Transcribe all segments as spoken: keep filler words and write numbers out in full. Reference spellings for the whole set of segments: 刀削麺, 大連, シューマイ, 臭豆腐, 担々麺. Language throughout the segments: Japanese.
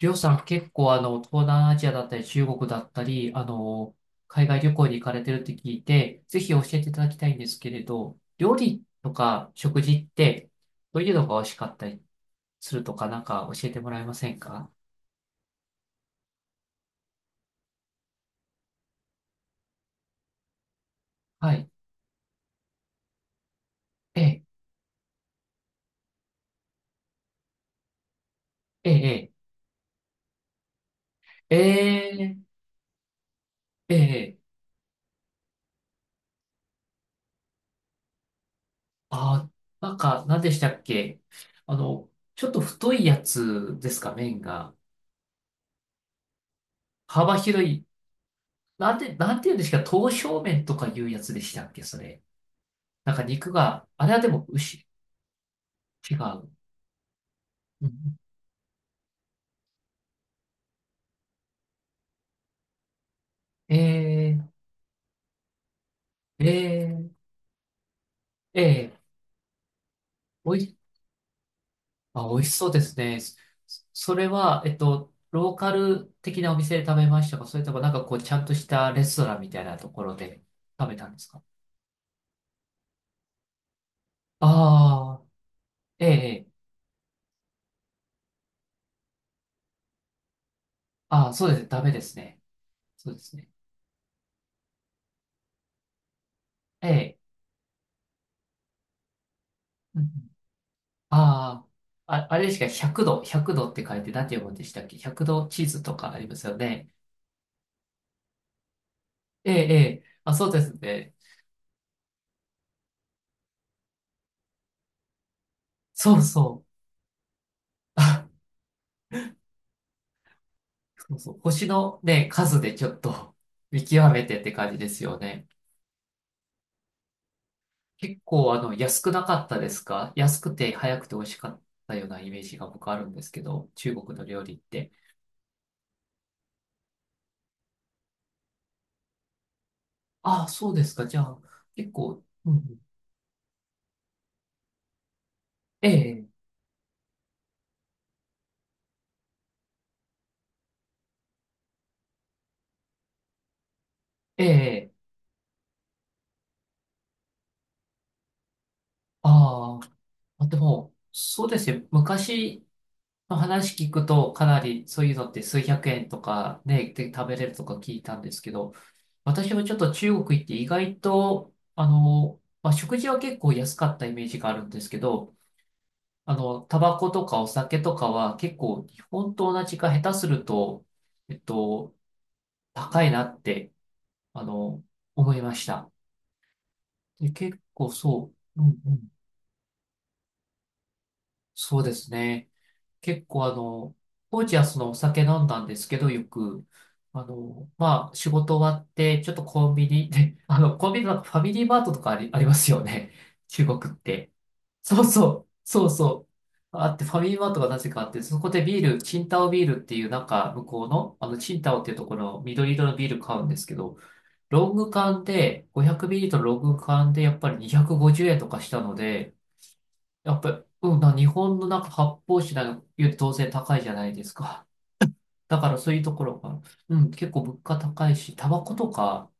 りょうさん結構あの、東南アジアだったり中国だったり、あの、海外旅行に行かれてるって聞いて、ぜひ教えていただきたいんですけれど、料理とか食事って、どういうのが美味しかったりするとかなんか教えてもらえませんか？はい。ええ、ええ、ええ、ええ。あ、なんか、何でしたっけ。あの、ちょっと太いやつですか、麺が。幅広い。なんて、なんていうんですか、刀削麺とかいうやつでしたっけ、それ。なんか肉が、あれはでも牛、違う。うん。えー、えー、えー。おい、あ、美味しそうですね。そそれは、えっと、ローカル的なお店で食べましたか、それともなんかこう、ちゃんとしたレストランみたいなところで食べたんですか？ああー、えーえー。ああ、そうですね。ダメですね。そうですね。ええ。うんうん。あ、ああ、あれですか、ひゃくど、ひゃくどって書いて何て読むんでしたっけ？ ひゃく 度チーズとかありますよね。ええ、ええ、あ、そうですね。そうそう。あ、そうそう。星のね、数でちょっと 見極めてって感じですよね。結構あの、安くなかったですか？安くて早くて美味しかったようなイメージが僕あるんですけど、中国の料理って。ああ、そうですか。じゃあ、結構、うんうん。ええ、ええ。あー、あ、でも、そうですね。昔の話聞くと、かなりそういうのって数百円とかね、で食べれるとか聞いたんですけど、私もちょっと中国行って意外と、あの、まあ、食事は結構安かったイメージがあるんですけど、あの、タバコとかお酒とかは結構日本と同じか下手すると、えっと、高いなって、あの、思いました。で、結構そう、うんうん。そうですね。結構あの、当時はそのお酒飲んだんですけど、よく、あの、まあ、仕事終わって、ちょっとコンビニで、あの、コンビニのファミリーマートとかあり、ありますよね。中国って。そうそう、そうそう。あって、ファミリーマートがなぜかあって、そこでビール、チンタオビールっていう、なんか、向こうの、あの、チンタオっていうところの緑色のビール買うんですけど、ロング缶で、ごひゃくミリリットルのロング缶で、やっぱりにひゃくごじゅうえんとかしたので、やっぱり、うん、な日本のなんか発泡酒なんかより当然高いじゃないですか。だからそういうところが、うん、結構物価高いし、タバコとか、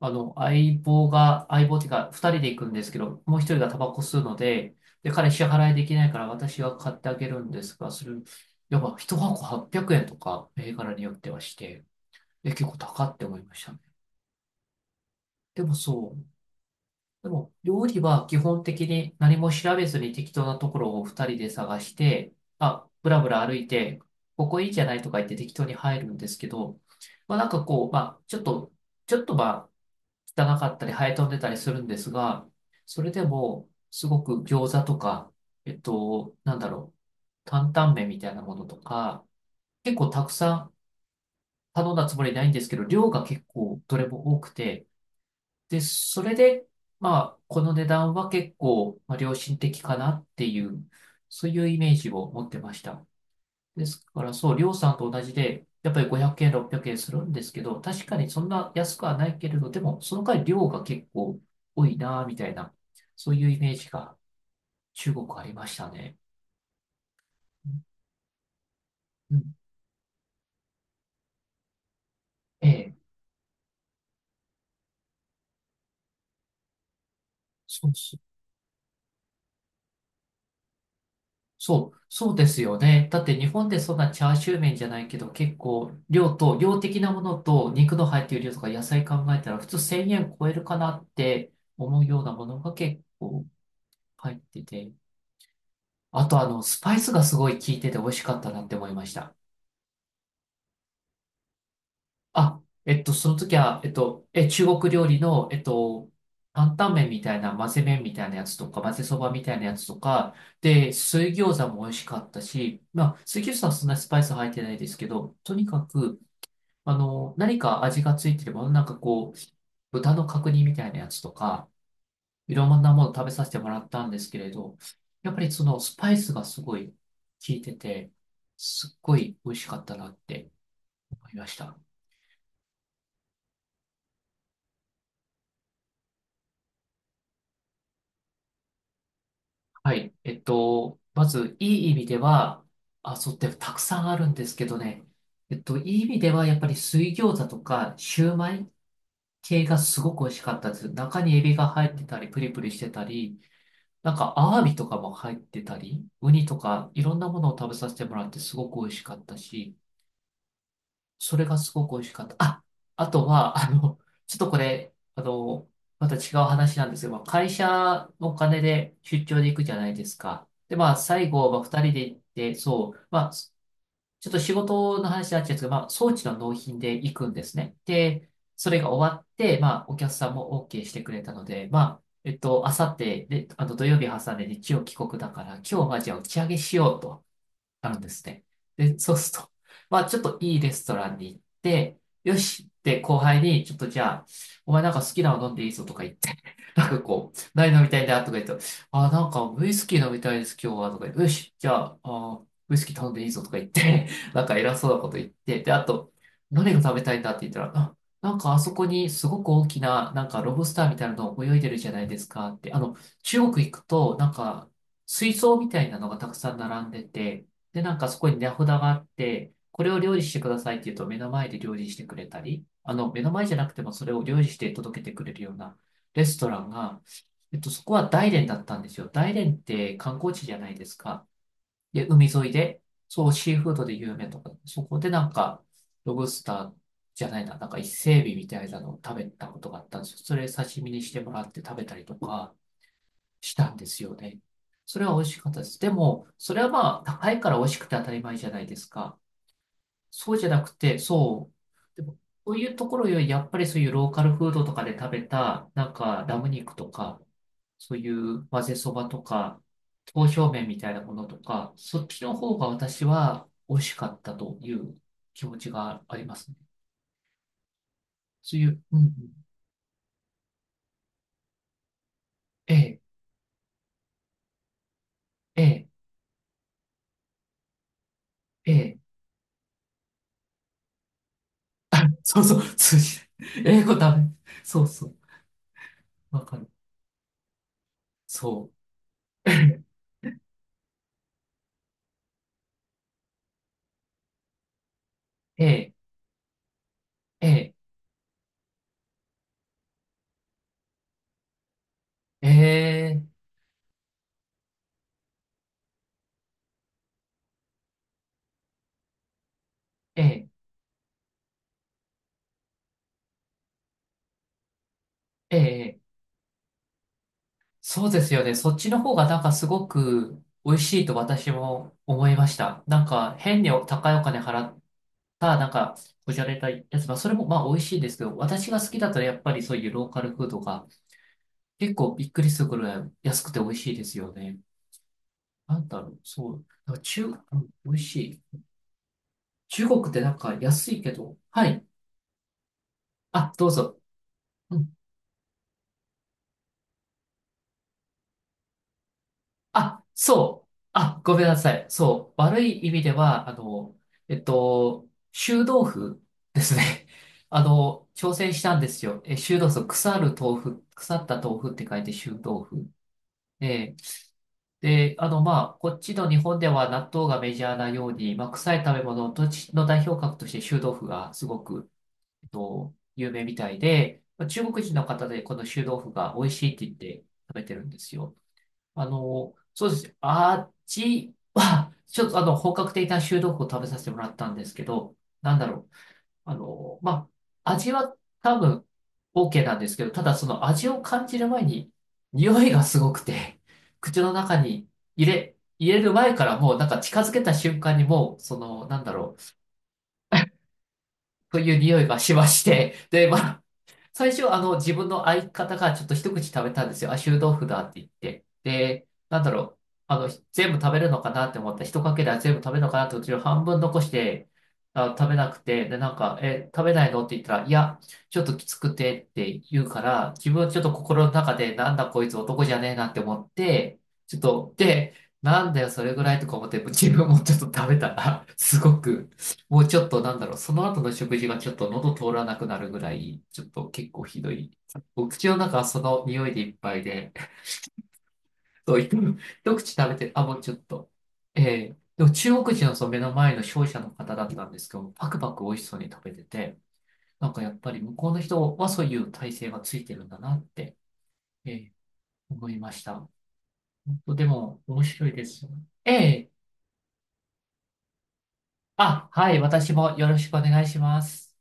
あの、相棒が、相棒っていうか、二人で行くんですけど、もう一人がタバコ吸うので、で、彼支払いできないから私が買ってあげるんですが、する、やっぱ一箱はっぴゃくえんとか、銘柄によってはして、え、結構高って思いましたね。でもそう。でも、料理は基本的に何も調べずに適当なところを二人で探して、あ、ぶらぶら歩いて、ここいいじゃないとか言って適当に入るんですけど、まあなんかこう、まあちょっと、ちょっとまあ汚かったり生え飛んでたりするんですが、それでもすごく餃子とか、えっと、なんだろう、担々麺みたいなものとか、結構たくさん頼んだつもりないんですけど、量が結構どれも多くて、で、それで、まあ、この値段は結構、まあ、良心的かなっていう、そういうイメージを持ってました。ですから、そう、りょうさんと同じで、やっぱりごひゃくえん、ろっぴゃくえんするんですけど、確かにそんな安くはないけれど、でも、その代わり量が結構多いな、みたいな、そういうイメージが中国ありましたね。うん。うん。ええ。そうそうそう、そうですよね。だって日本でそんなチャーシュー麺じゃないけど、結構量と、量的なものと肉の入っている量とか野菜考えたら普通せんえん超えるかなって思うようなものが結構入ってて。あとあの、スパイスがすごい効いてて美味しかったなって思いました。あ、えっと、その時は、えっと、え、中国料理の、えっと、担々麺みたいな、混ぜ麺みたいなやつとか、混ぜそばみたいなやつとか、で、水餃子も美味しかったし、まあ、水餃子はそんなにスパイス入ってないですけど、とにかく、あの、何か味がついてるもの、なんかこう、豚の角煮みたいなやつとか、いろんなもの食べさせてもらったんですけれど、やっぱりそのスパイスがすごい効いてて、すっごい美味しかったなって思いました。はい。えっと、まず、いい意味では、あ、そうってたくさんあるんですけどね。えっと、いい意味では、やっぱり水餃子とか、シューマイ系がすごく美味しかったです。中にエビが入ってたり、プリプリしてたり、なんか、アワビとかも入ってたり、ウニとか、いろんなものを食べさせてもらって、すごく美味しかったし、それがすごく美味しかった。あ、あとは、あの、ちょっとこれ、あの、また違う話なんですけど、まあ会社のお金で出張で行くじゃないですか。で、まあ、最後、まあ、二人で行って、そう、まあ、ちょっと仕事の話になっちゃうんですけど、まあ、装置の納品で行くんですね。で、それが終わって、まあ、お客さんも OK してくれたので、まあ、えっと、あさって、で、あの、土曜日挟んで日曜帰国だから、今日はじゃあ打ち上げしようと。あるんですね。で、そうすると、まあちょっといいレストランに行って、よしって後輩に、ちょっとじゃあ、お前なんか好きなの飲んでいいぞとか言って、なんかこう、何飲みたいんだとか言って、あ、なんかウイスキー飲みたいです今日はとか言って、よし、じゃあ、あ、ウイスキー頼んでいいぞとか言って、なんか偉そうなこと言って、で、あと、何が食べたいんだって言ったら、あ、なんかあそこにすごく大きな、なんかロブスターみたいなの泳いでるじゃないですかって、あの、中国行くと、なんか、水槽みたいなのがたくさん並んでて、で、なんかそこに値札があって、これを料理してくださいって言うと目の前で料理してくれたり、あの、目の前じゃなくてもそれを料理して届けてくれるようなレストランが、えっと、そこは大連だったんですよ。大連って観光地じゃないですか。で、海沿いで、そう、シーフードで有名とか、そこでなんか、ロブスターじゃないな、なんか伊勢海老みたいなのを食べたことがあったんですよ。それ刺身にしてもらって食べたりとか、したんですよね。それは美味しかったです。でも、それはまあ、高いから美味しくて当たり前じゃないですか。そうじゃなくて、そう。でも、そういうところより、やっぱりそういうローカルフードとかで食べた、なんか、ラム肉とか、そういう混ぜそばとか、刀削麺みたいなものとか、そっちの方が私は美味しかったという気持ちがありますね。そういう、うんうん、ええ、ええ、ええ、そうそう、通じない。英語ダメ。そうそう、わかる。そう。ええ、ええ、ええ、ええ、ええ、そうですよね。そっちの方がなんかすごく美味しいと私も思いました。なんか変に高いお金払ったなんかこじゃれたやつ、まあそれもまあ美味しいですけど、私が好きだったらやっぱりそういうローカルフードが結構びっくりするぐらい安くて美味しいですよね。なんだろう、そう。なんか中、うん、美味しい。中国ってなんか安いけど、はい。あ、どうぞ。うん、あ、そう。あ、ごめんなさい。そう。悪い意味では、あの、えっと、臭豆腐ですね。あの、挑戦したんですよ。え、臭豆腐、腐る豆腐、腐った豆腐って書いて臭豆腐。で、で、あの、まあ、こっちの日本では納豆がメジャーなように、まあ、臭い食べ物とちの代表格として臭豆腐がすごく、えっと、有名みたいで、まあ中国人の方でこの臭豆腐が美味しいって言って食べてるんですよ。あの、そうです。あっちは、ちょっとあの、本格的な臭豆腐を食べさせてもらったんですけど、なんだろう。あの、まあ、味は多分 オーケー なんですけど、ただその味を感じる前に、匂いがすごくて、口の中に入れ、入れる前からもうなんか近づけた瞬間にもう、その、なんだろう、という匂いがしまして、で、まあ、最初、あの、自分の相方がちょっと一口食べたんですよ。あ、臭豆腐だって言って。で、なんだろう。あの、全部食べるのかなって思った。ひとかけら全部食べるのかなってうちの半分残して、あ、食べなくて、で、なんか、え、食べないのって言ったら、いや、ちょっときつくてって言うから、自分はちょっと心の中で、なんだこいつ男じゃねえなって思って、ちょっと、で、なんだよ、それぐらいとか思って、自分もちょっと食べたら、すごく、もうちょっとなんだろう、その後の食事がちょっと喉通らなくなるぐらい、ちょっと結構ひどい。お口の中はその匂いでいっぱいで、そう、一一口食べて、あ、もうちょっと。ええ、でも中国人のその目の前の商社の方だったんですけど、パクパク美味しそうに食べてて、なんかやっぱり向こうの人はそういう体制がついてるんだなって、ええ、思いました。本当でも面白いですよね。ええ、あ、はい、私もよろしくお願いします。